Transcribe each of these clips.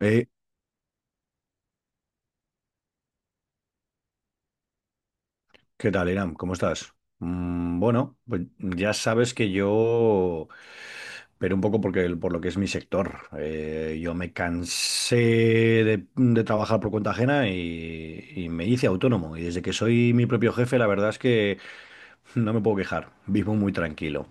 Eh, ¿Qué tal, Iram? ¿Cómo estás? Bueno, pues ya sabes que yo, pero un poco porque, por lo que es mi sector, yo me cansé de trabajar por cuenta ajena y me hice autónomo. Y desde que soy mi propio jefe, la verdad es que no me puedo quejar, vivo muy tranquilo.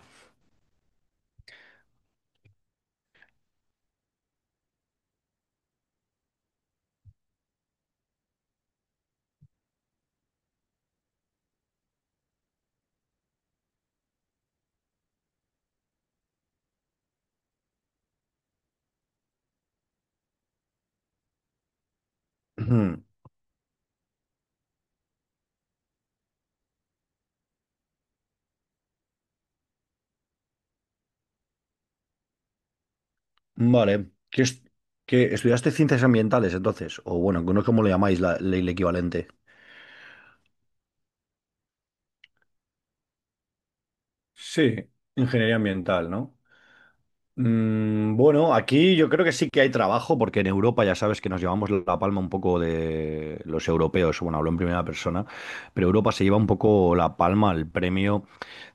Ujú. Vale, ¿ estudiaste ciencias ambientales entonces? O bueno, no sé cómo lo llamáis, el equivalente. Sí, ingeniería ambiental, ¿no? Bueno, aquí yo creo que sí que hay trabajo, porque en Europa ya sabes que nos llevamos la palma un poco de los europeos, bueno, hablo en primera persona, pero Europa se lleva un poco la palma, el premio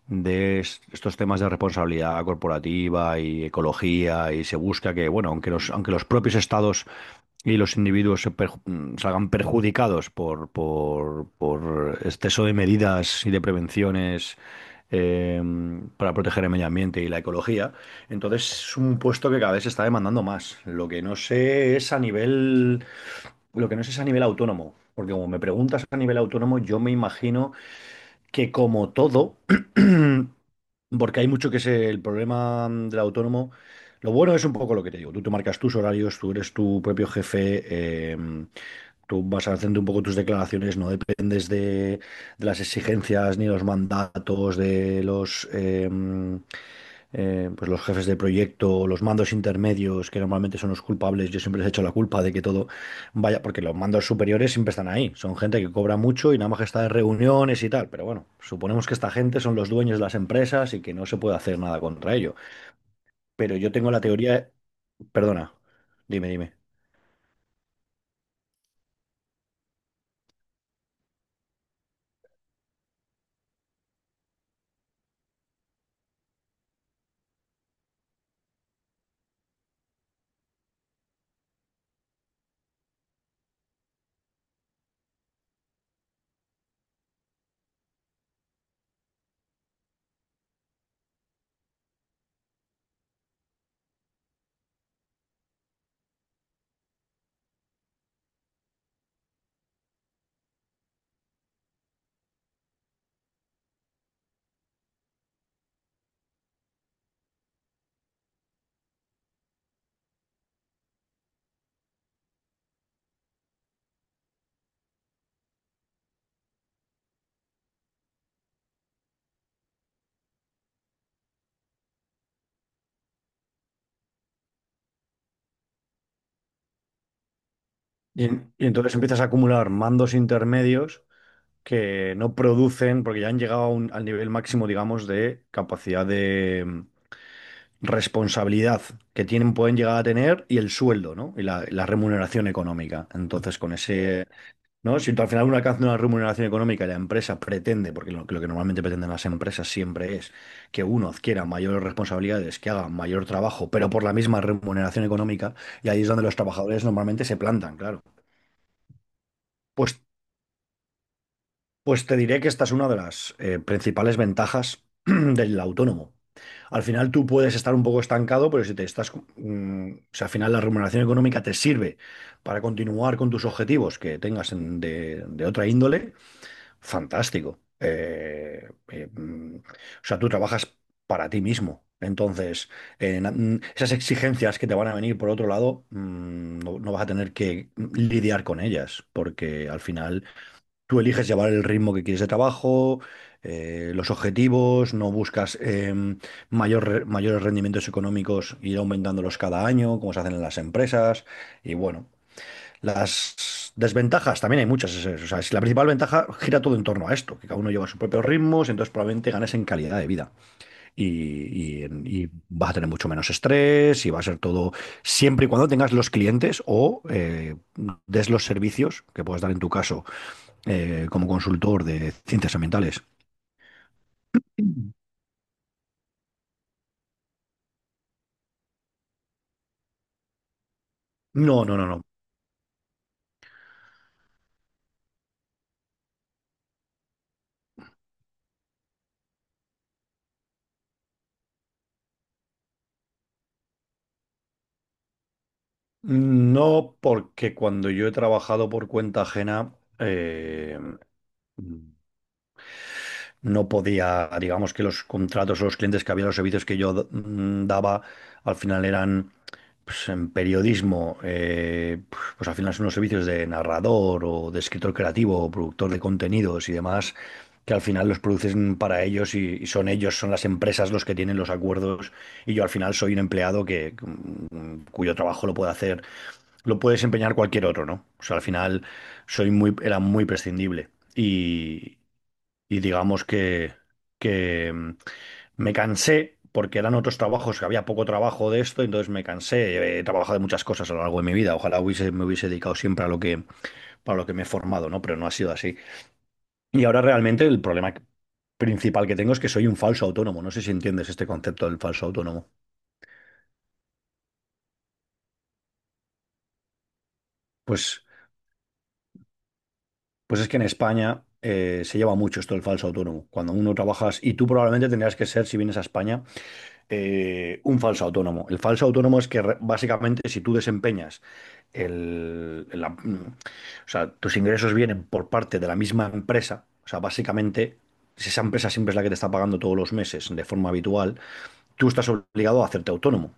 de estos temas de responsabilidad corporativa y ecología, y se busca que, bueno, aunque los propios estados y los individuos salgan perjudicados por exceso de medidas y de prevenciones eh, para proteger el medio ambiente y la ecología. Entonces es un puesto que cada vez se está demandando más. Lo que no sé es a nivel autónomo. Porque como me preguntas a nivel autónomo, yo me imagino que como todo, porque hay mucho que es el problema del autónomo, lo bueno es un poco lo que te digo, tú te marcas tus horarios, tú eres tu propio jefe, tú vas haciendo un poco tus declaraciones, no dependes de las exigencias ni los mandatos de pues los jefes de proyecto, los mandos intermedios, que normalmente son los culpables, yo siempre les he hecho la culpa de que todo. Vaya, porque los mandos superiores siempre están ahí. Son gente que cobra mucho y nada más que está en reuniones y tal. Pero bueno, suponemos que esta gente son los dueños de las empresas y que no se puede hacer nada contra ello. Pero yo tengo la teoría, perdona, dime. Y entonces empiezas a acumular mandos intermedios que no producen, porque ya han llegado a al nivel máximo, digamos, de capacidad de responsabilidad que tienen, pueden llegar a tener y el sueldo, ¿no? Y la remuneración económica. Entonces, con ese ¿no? Si tú al final uno alcanza una remuneración económica y la empresa pretende, porque lo que normalmente pretenden las empresas siempre es que uno adquiera mayores responsabilidades, que haga mayor trabajo, pero por la misma remuneración económica, y ahí es donde los trabajadores normalmente se plantan, claro. Pues, pues te diré que esta es una de las principales ventajas del autónomo. Al final tú puedes estar un poco estancado, pero si te estás, o sea, al final la remuneración económica te sirve para continuar con tus objetivos que tengas de otra índole. Fantástico. O sea, tú trabajas para ti mismo. Entonces, esas exigencias que te van a venir por otro lado, no, no vas a tener que lidiar con ellas, porque al final tú eliges llevar el ritmo que quieres de trabajo, los objetivos, no buscas mayores rendimientos económicos, ir aumentándolos cada año, como se hacen en las empresas. Y bueno. Las desventajas, también hay muchas. O sea, la principal ventaja gira todo en torno a esto, que cada uno lleva sus propios ritmos, entonces probablemente ganes en calidad de vida y, y y vas a tener mucho menos estrés y va a ser todo siempre y cuando tengas los clientes o des los servicios que puedas dar en tu caso como consultor de ciencias ambientales. No, no, no, no. No, porque cuando yo he trabajado por cuenta ajena, no podía, digamos que los contratos o los clientes que había, los servicios que yo daba, al final eran pues, en periodismo, pues al final son los servicios de narrador o de escritor creativo o productor de contenidos y demás, que al final los producen para ellos y son ellos, son las empresas los que tienen los acuerdos y yo al final soy un empleado que cuyo trabajo lo puede hacer, lo puede desempeñar cualquier otro, ¿no? O sea, al final soy muy, era muy prescindible y digamos que me cansé porque eran otros trabajos, que había poco trabajo de esto, entonces me cansé. He trabajado de muchas cosas a lo largo de mi vida. Ojalá hubiese, me hubiese dedicado siempre a lo que, para lo que me he formado, ¿no? Pero no ha sido así. Y ahora realmente principal que tengo es que soy un falso autónomo. No sé si entiendes este concepto del falso autónomo. Pues, pues es que en España se lleva mucho esto del falso autónomo. Cuando uno trabajas, y tú probablemente tendrías que ser, si vienes a España, un falso autónomo. El falso autónomo es que básicamente si tú desempeñas o sea, tus ingresos vienen por parte de la misma empresa, o sea, básicamente si esa empresa siempre es la que te está pagando todos los meses de forma habitual, tú estás obligado a hacerte autónomo.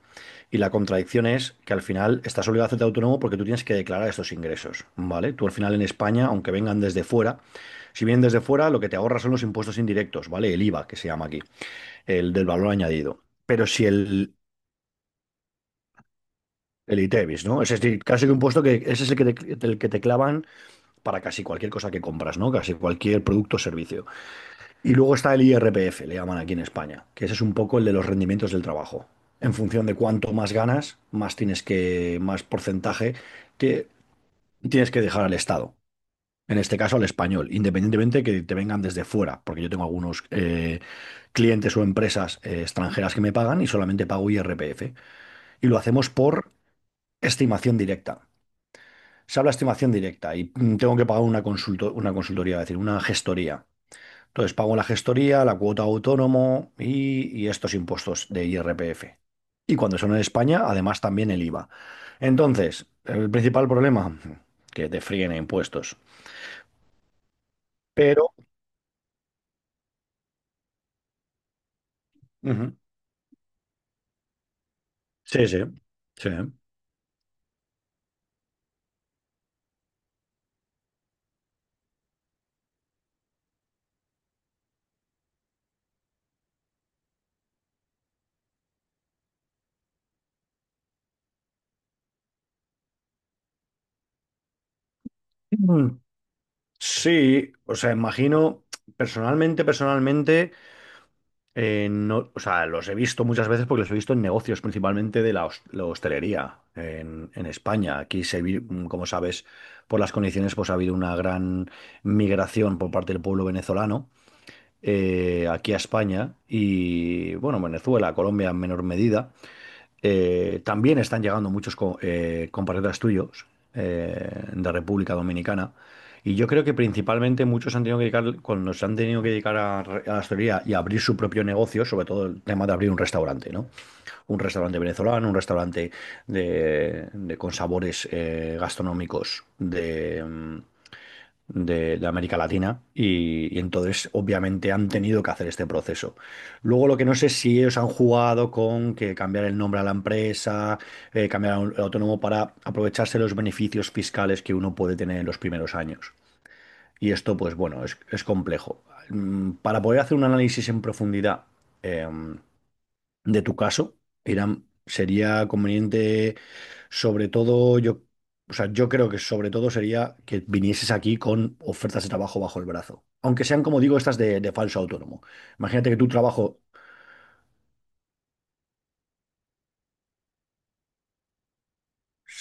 Y la contradicción es que al final estás obligado a hacerte autónomo porque tú tienes que declarar estos ingresos, ¿vale? Tú al final en España, aunque vengan desde fuera, si vienen desde fuera, lo que te ahorras son los impuestos indirectos, ¿vale? El IVA, que se llama aquí el del valor añadido. Pero si el ITEVIS, ¿no? Es decir, casi que un puesto que ese es el que te clavan para casi cualquier cosa que compras, ¿no? Casi cualquier producto o servicio. Y luego está el IRPF, le llaman aquí en España, que ese es un poco el de los rendimientos del trabajo. En función de cuánto más ganas, más tienes que, más porcentaje que tienes que dejar al Estado. En este caso al español, independientemente que te vengan desde fuera, porque yo tengo algunos clientes o empresas extranjeras que me pagan y solamente pago IRPF. Y lo hacemos por estimación directa. Se habla de estimación directa y tengo que pagar una una consultoría, es decir, una gestoría. Entonces pago la gestoría, la cuota autónomo y estos impuestos de IRPF. Y cuando son en España, además también el IVA. Entonces, el principal problema, que te fríen impuestos. Pero, ujú, sí, sí, sí. Mm. Sí, o sea, imagino, personalmente, no, o sea, los he visto muchas veces porque los he visto en negocios, principalmente de la hostelería en España. Aquí como sabes, por las condiciones, pues ha habido una gran migración por parte del pueblo venezolano aquí a España y, bueno, Venezuela, Colombia en menor medida. También están llegando muchos compatriotas tuyos de República Dominicana. Y yo creo que principalmente muchos han tenido que dedicar, cuando se han tenido que dedicar a la hostelería y a abrir su propio negocio, sobre todo el tema de abrir un restaurante, ¿no? Un restaurante venezolano, un restaurante con sabores gastronómicos de América Latina y entonces obviamente han tenido que hacer este proceso. Luego lo que no sé es si ellos han jugado con que cambiar el nombre a la empresa, cambiar a a autónomo para aprovecharse los beneficios fiscales que uno puede tener en los primeros años. Y esto pues bueno, es complejo. Para poder hacer un análisis en profundidad, em, de tu caso, Irán, sería conveniente, sobre todo, yo, o sea, yo creo que sobre todo sería que vinieses aquí con ofertas de trabajo bajo el brazo. Aunque sean, como digo, estas de falso autónomo. Imagínate que tu trabajo.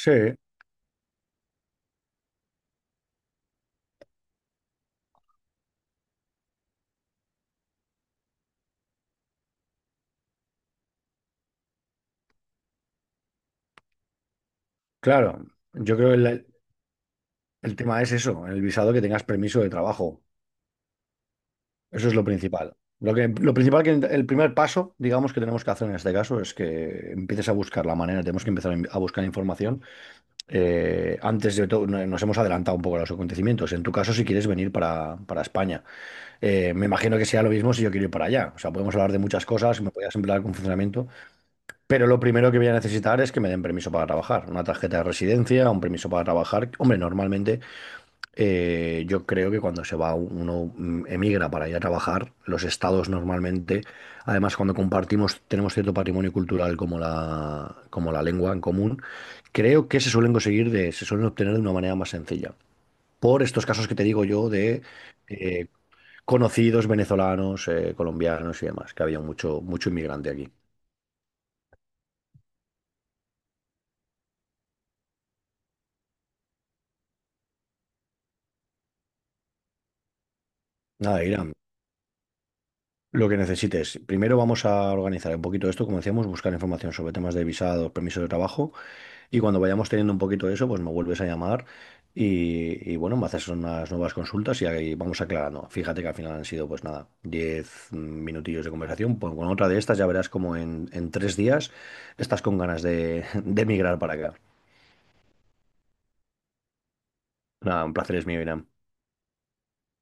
Sí, claro. Yo creo que el tema es eso, el visado que tengas permiso de trabajo. Eso es lo principal. Lo que, lo principal que el primer paso, digamos, que tenemos que hacer en este caso es que empieces a buscar la manera, tenemos que empezar a a buscar información antes de todo, nos hemos adelantado un poco a los acontecimientos. En tu caso, si quieres venir para España, me imagino que sea lo mismo si yo quiero ir para allá. O sea, podemos hablar de muchas cosas, me podías emplear con funcionamiento, pero lo primero que voy a necesitar es que me den permiso para trabajar, una tarjeta de residencia, un permiso para trabajar. Hombre, normalmente yo creo que cuando se va uno emigra para ir a trabajar, los estados normalmente, además cuando compartimos, tenemos cierto patrimonio cultural como como la lengua en común, creo que se suelen conseguir se suelen obtener de una manera más sencilla. Por estos casos que te digo yo de eh, conocidos venezolanos, colombianos y demás, que había mucho, mucho inmigrante aquí. Nada, Iram, lo que necesites. Primero vamos a organizar un poquito esto, como decíamos, buscar información sobre temas de visados, permisos de trabajo. Y cuando vayamos teniendo un poquito de eso, pues me vuelves a llamar y bueno, me haces unas nuevas consultas y ahí vamos aclarando. Fíjate que al final han sido, pues nada, 10 minutillos de conversación. Pues con otra de estas ya verás como en 3 días estás con ganas de, de emigrar para acá. Nada, un placer es mío, Irán.